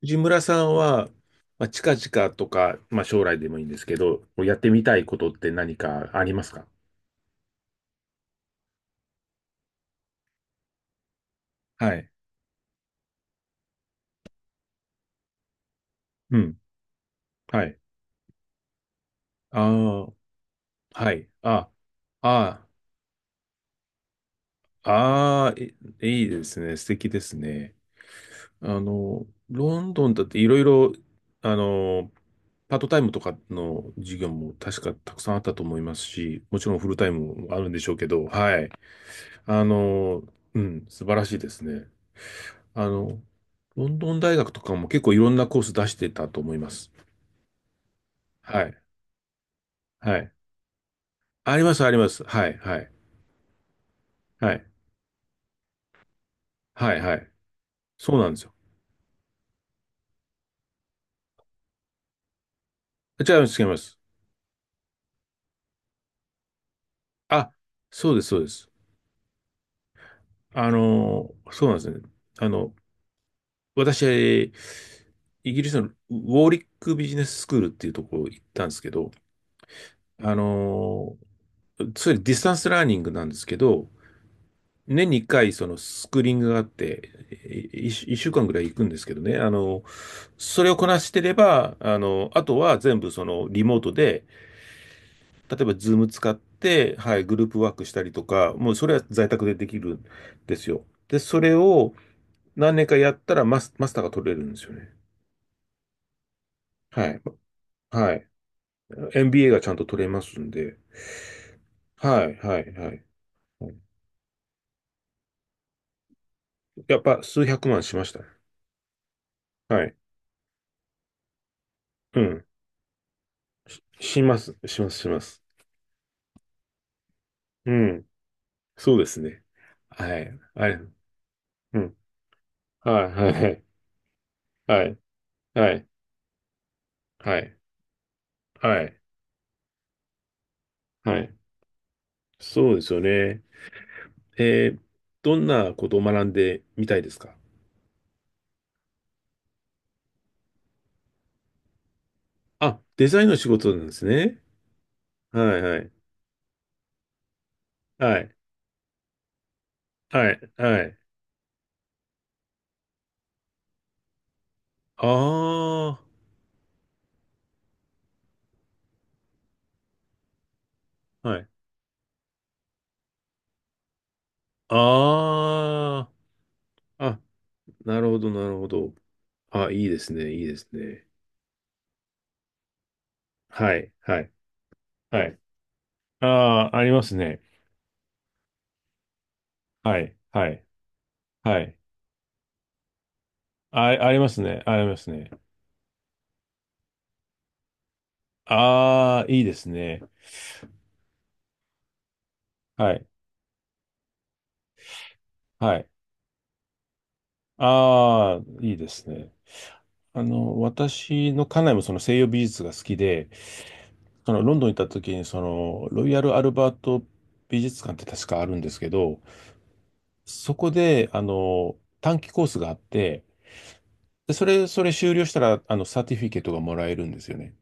藤村さんは、まあ、近々とか、まあ、将来でもいいんですけど、やってみたいことって何かありますか？はい。うん。はい。ああ、はい。あ、あ、ああ、いいですね。素敵ですね。ロンドンだっていろいろ、あの、パートタイムとかの授業も確かたくさんあったと思いますし、もちろんフルタイムもあるんでしょうけど、はい。あの、うん、素晴らしいですね。あの、ロンドン大学とかも結構いろんなコース出してたと思います。はい。はい。あります、あります。はい、はい。はい。はい、はい。そうなんですよ。違います、違います。あ、そうです、そうです。そうなんですね。あの、私、イギリスのウォーリックビジネススクールっていうところ行ったんですけど、あの、それディスタンスラーニングなんですけど、年に1回、そのスクリーニングがあって、一週間ぐらい行くんですけどね、それをこなしてれば、あとは全部そのリモートで、例えばズーム使って、はい、グループワークしたりとか、もうそれは在宅でできるんですよ。で、それを何年かやったらマスターが取れるんですよね。はい。はい。MBA がちゃんと取れますんで。はい、はい、はい。やっぱ数百万しましたね。はい。うん。します、します、します。うん。そうですね。はい。はい。うん。はい、はい、はい、はい、はい、はい、はい。そうですよね。えー、どんなことを学んでみたいですか？あ、デザインの仕事なんですね。はい、はい、はい、はい、はい。ああ、はい。ああ、あ、なるほど、なるほど。あ、いいですね、いいですね。はい、はい、はい。ああ、ありますね。はい、はい、はい。あ、ありますね、ありますね。ああ、いいですね。はい。はい。ああ、いいですね。私の家内もその西洋美術が好きで、そのロンドンに行った時に、その、ロイヤル・アルバート美術館って確かあるんですけど、そこで、短期コースがあって、で、それ修了したら、サーティフィケートがもらえるんですよね。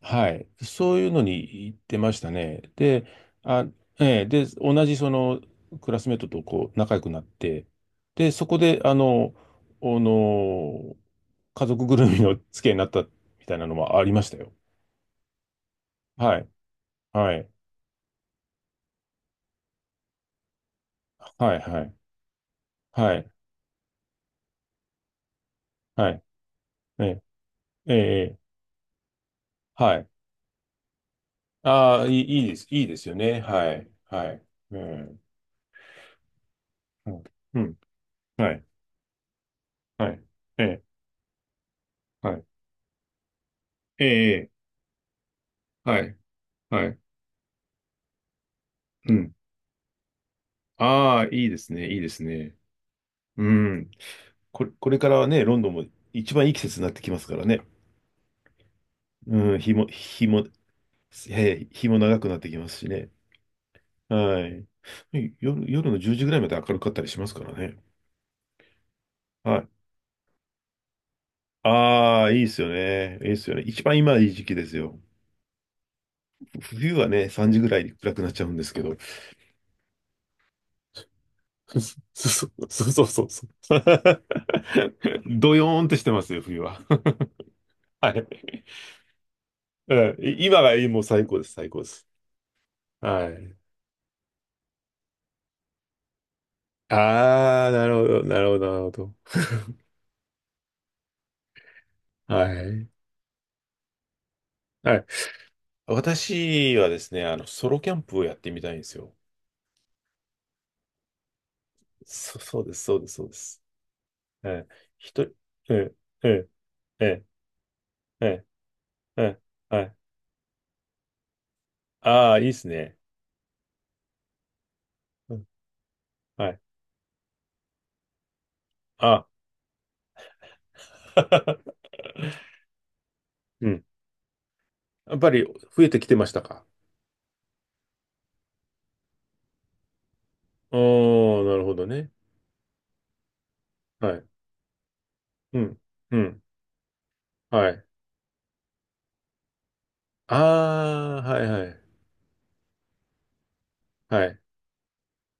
はい。そういうのに行ってましたね。で、あ、ええ、で、同じそのクラスメートとこう仲良くなって、で、そこで、あの、家族ぐるみの付き合いになったみたいなのもありましたよ。はい。はい。はい。はい。はい。はい。ええ、ええ、ええはい。ああ、いいです。いいですよね。はい。はい。うん。うん。うんはい。はい。ええ、はい。ええ、ええはい。はい。うん。ああ、いいですね、いいですね。うん。これからはね、ロンドンも一番いい季節になってきますからね。うん、日も長くなってきますしね。はい。夜の10時ぐらいまで明るかったりしますからね。はい。ああ、いいですよね。いいですよね。一番今いい時期ですよ。冬はね、3時ぐらいに暗くなっちゃうんですけど。そうそうそうそうそう。ドヨーンとしてますよ、冬は。はい。うん、今がもう最高です、最高です。はい。ああ、なるほど、なるほど、なるほど。はい。はい。私はですね、ソロキャンプをやってみたいんですよ。そうです、そうです、そうです。えい。うん、うん、ええええええはい。ああ、いいですね。うん、はい。あ うん。やっぱり増えてきてましたか？ あー、なるほどね。はい。うん、うん、はい。ああ、はい、はい、はい。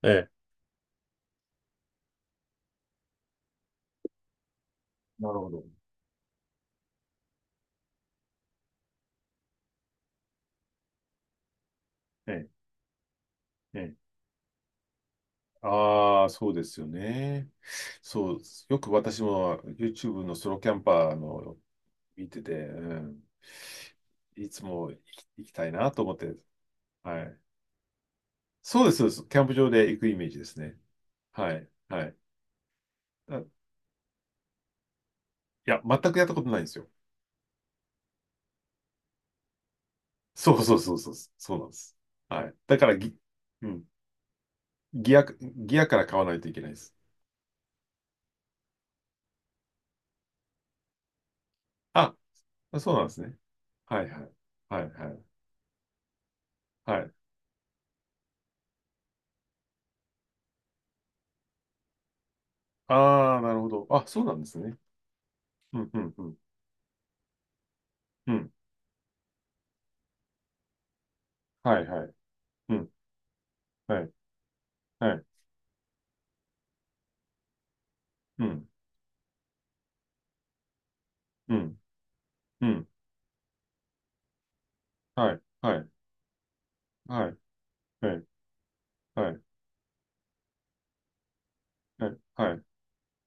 ええ。なるほど。ええ、ええああ、そうですよね。そう、よく私も YouTube のソロキャンパーの見てて、うん、いつも行きたいなと思って、はい。そうです、そうです。キャンプ場で行くイメージですね。はい、はい。あ、いや、全くやったことないんですよ。そうそうそうそう、そうなんです。はい。だからうん、ギアから買わないといけないです。あ、そうなんですね。はい、はい。はい、はい。はい。ああ、なるほど。あ、そうなんですね。うん、うん、うん。うんはいはい。うん。はい。はい。うん。うん。うん。はい。はい。はい。はい。はい。はい。はい。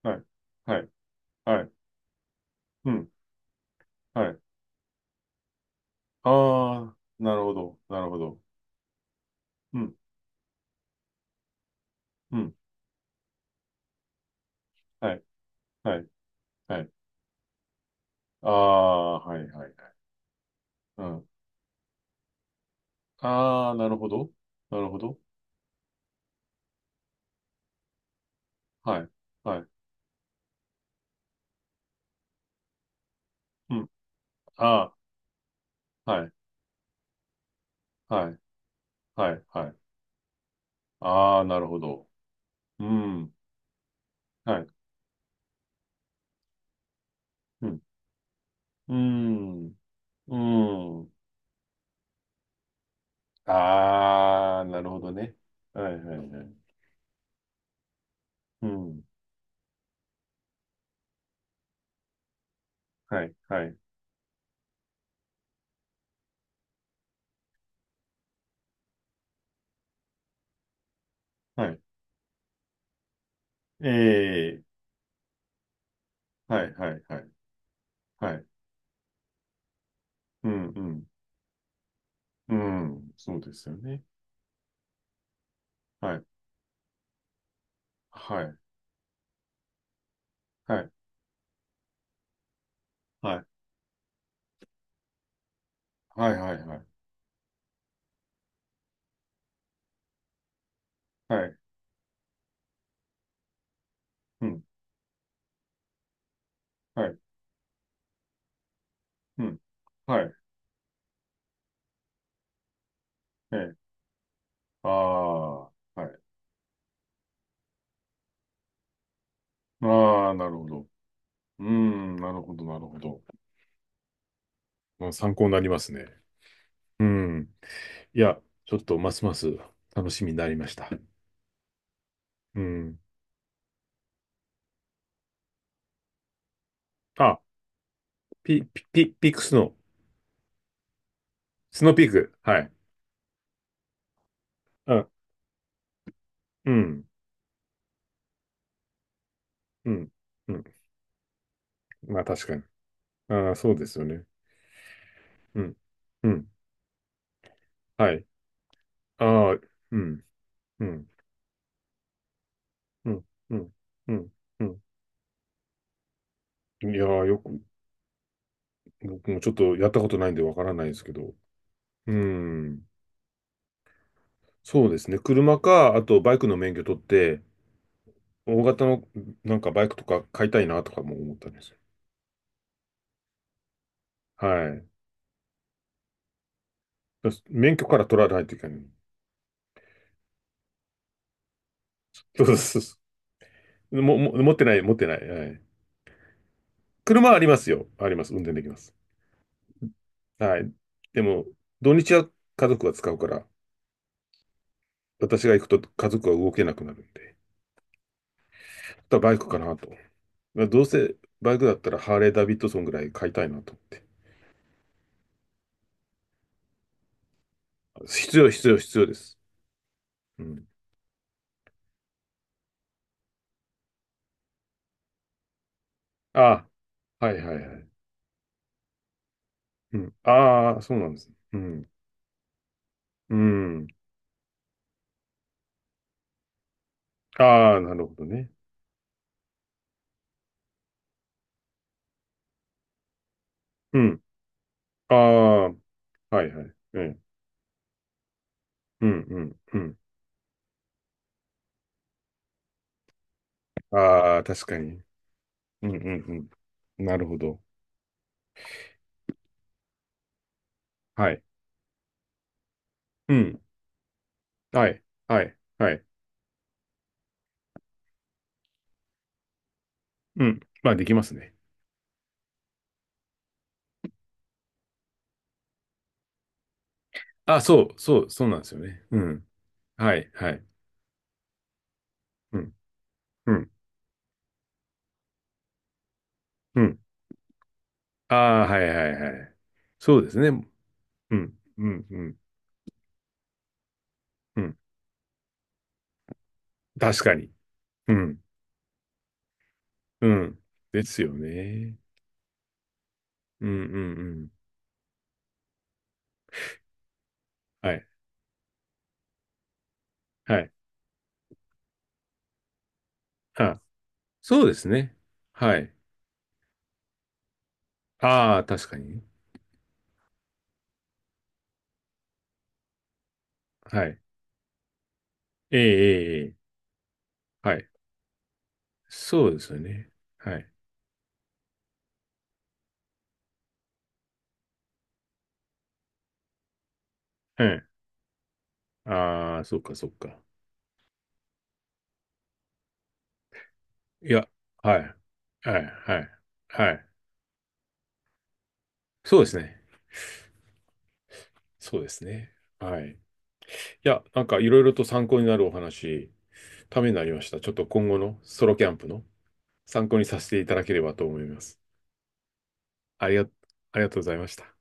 はい。はい。はい。うん。はい。ああ、なるほど。なるほど。うん。うん。はい。はい。はい。ああ、はい。はい。うん。ああ、なるほど。なるほど。はい。はい。うん。ああ、はい。はい。はい。はい。ああ、なるほど。うん。はい。うん。うん。うん。ああ、なるほどね。はいはいはい。うん。はいはいはい。ええ、はいはいはい。はい。うんうん。うん。そうですよね。はい。はい。はい。はい。はいはいはい。はい。うん。はい。うん。はい。ええ。ああ。はい。ああ、なるほど。うん。なるほど、なるほど。まあ、参考になりますね。うん。いや、ちょっとますます楽しみになりました。うん。あ、ピックスのスノーピーク。はい。あ、うん、うん、うん。まあ確かに。ああ、そうですよね。うん、うん、はい。ああ、うん、うん、うん、うん、うん、うん。いやー、よく、僕もちょっとやったことないんでわからないですけど。うん、そうですね。車か、あとバイクの免許取って、大型のなんかバイクとか買いたいなとかも思ったんですよ。はい。免許から取らないといけない。そうそうそう。持ってない、持ってない。はい。車はありますよ。あります。運転できます。はい。でも、土日は家族が使うから、私が行くと家族は動けなくなるんで、あとはバイクかなと。まあどうせバイクだったらハーレー・ダビッドソンぐらい買いたいなと思って。必要、必要、必要です。うん。ああ、はいはいはい。うん。ああ、そうなんです。うん。うん。ああ、なるほどね。うん。ああ、はいはい。うん。うん、うん、うん。ああ、確かに。うん、うん、うん。なるほど。はい。うん。はい。はい。はい。うん。まあ、できますね。あ、そう、そう、そうなんですよね。うん。はい、はい。うん、うん、うん。ああ、はい、はい、はい。そうですね。うん、うん、うん、うん。確かに。うん、うん。ですよね。うん、うん、うん。はい、はい。あ、そうですね。はい。ああ、確かに。はい。ええ、ええ、ええはい。そうですよね。はい。うん。ああ、そっか、そっか。いや、はい。はい、はい、はい。そうですね。そうですね。はい。いや、なんかいろいろと参考になるお話、ためになりました。ちょっと今後のソロキャンプの参考にさせていただければと思います。ありが、ありがとうございました。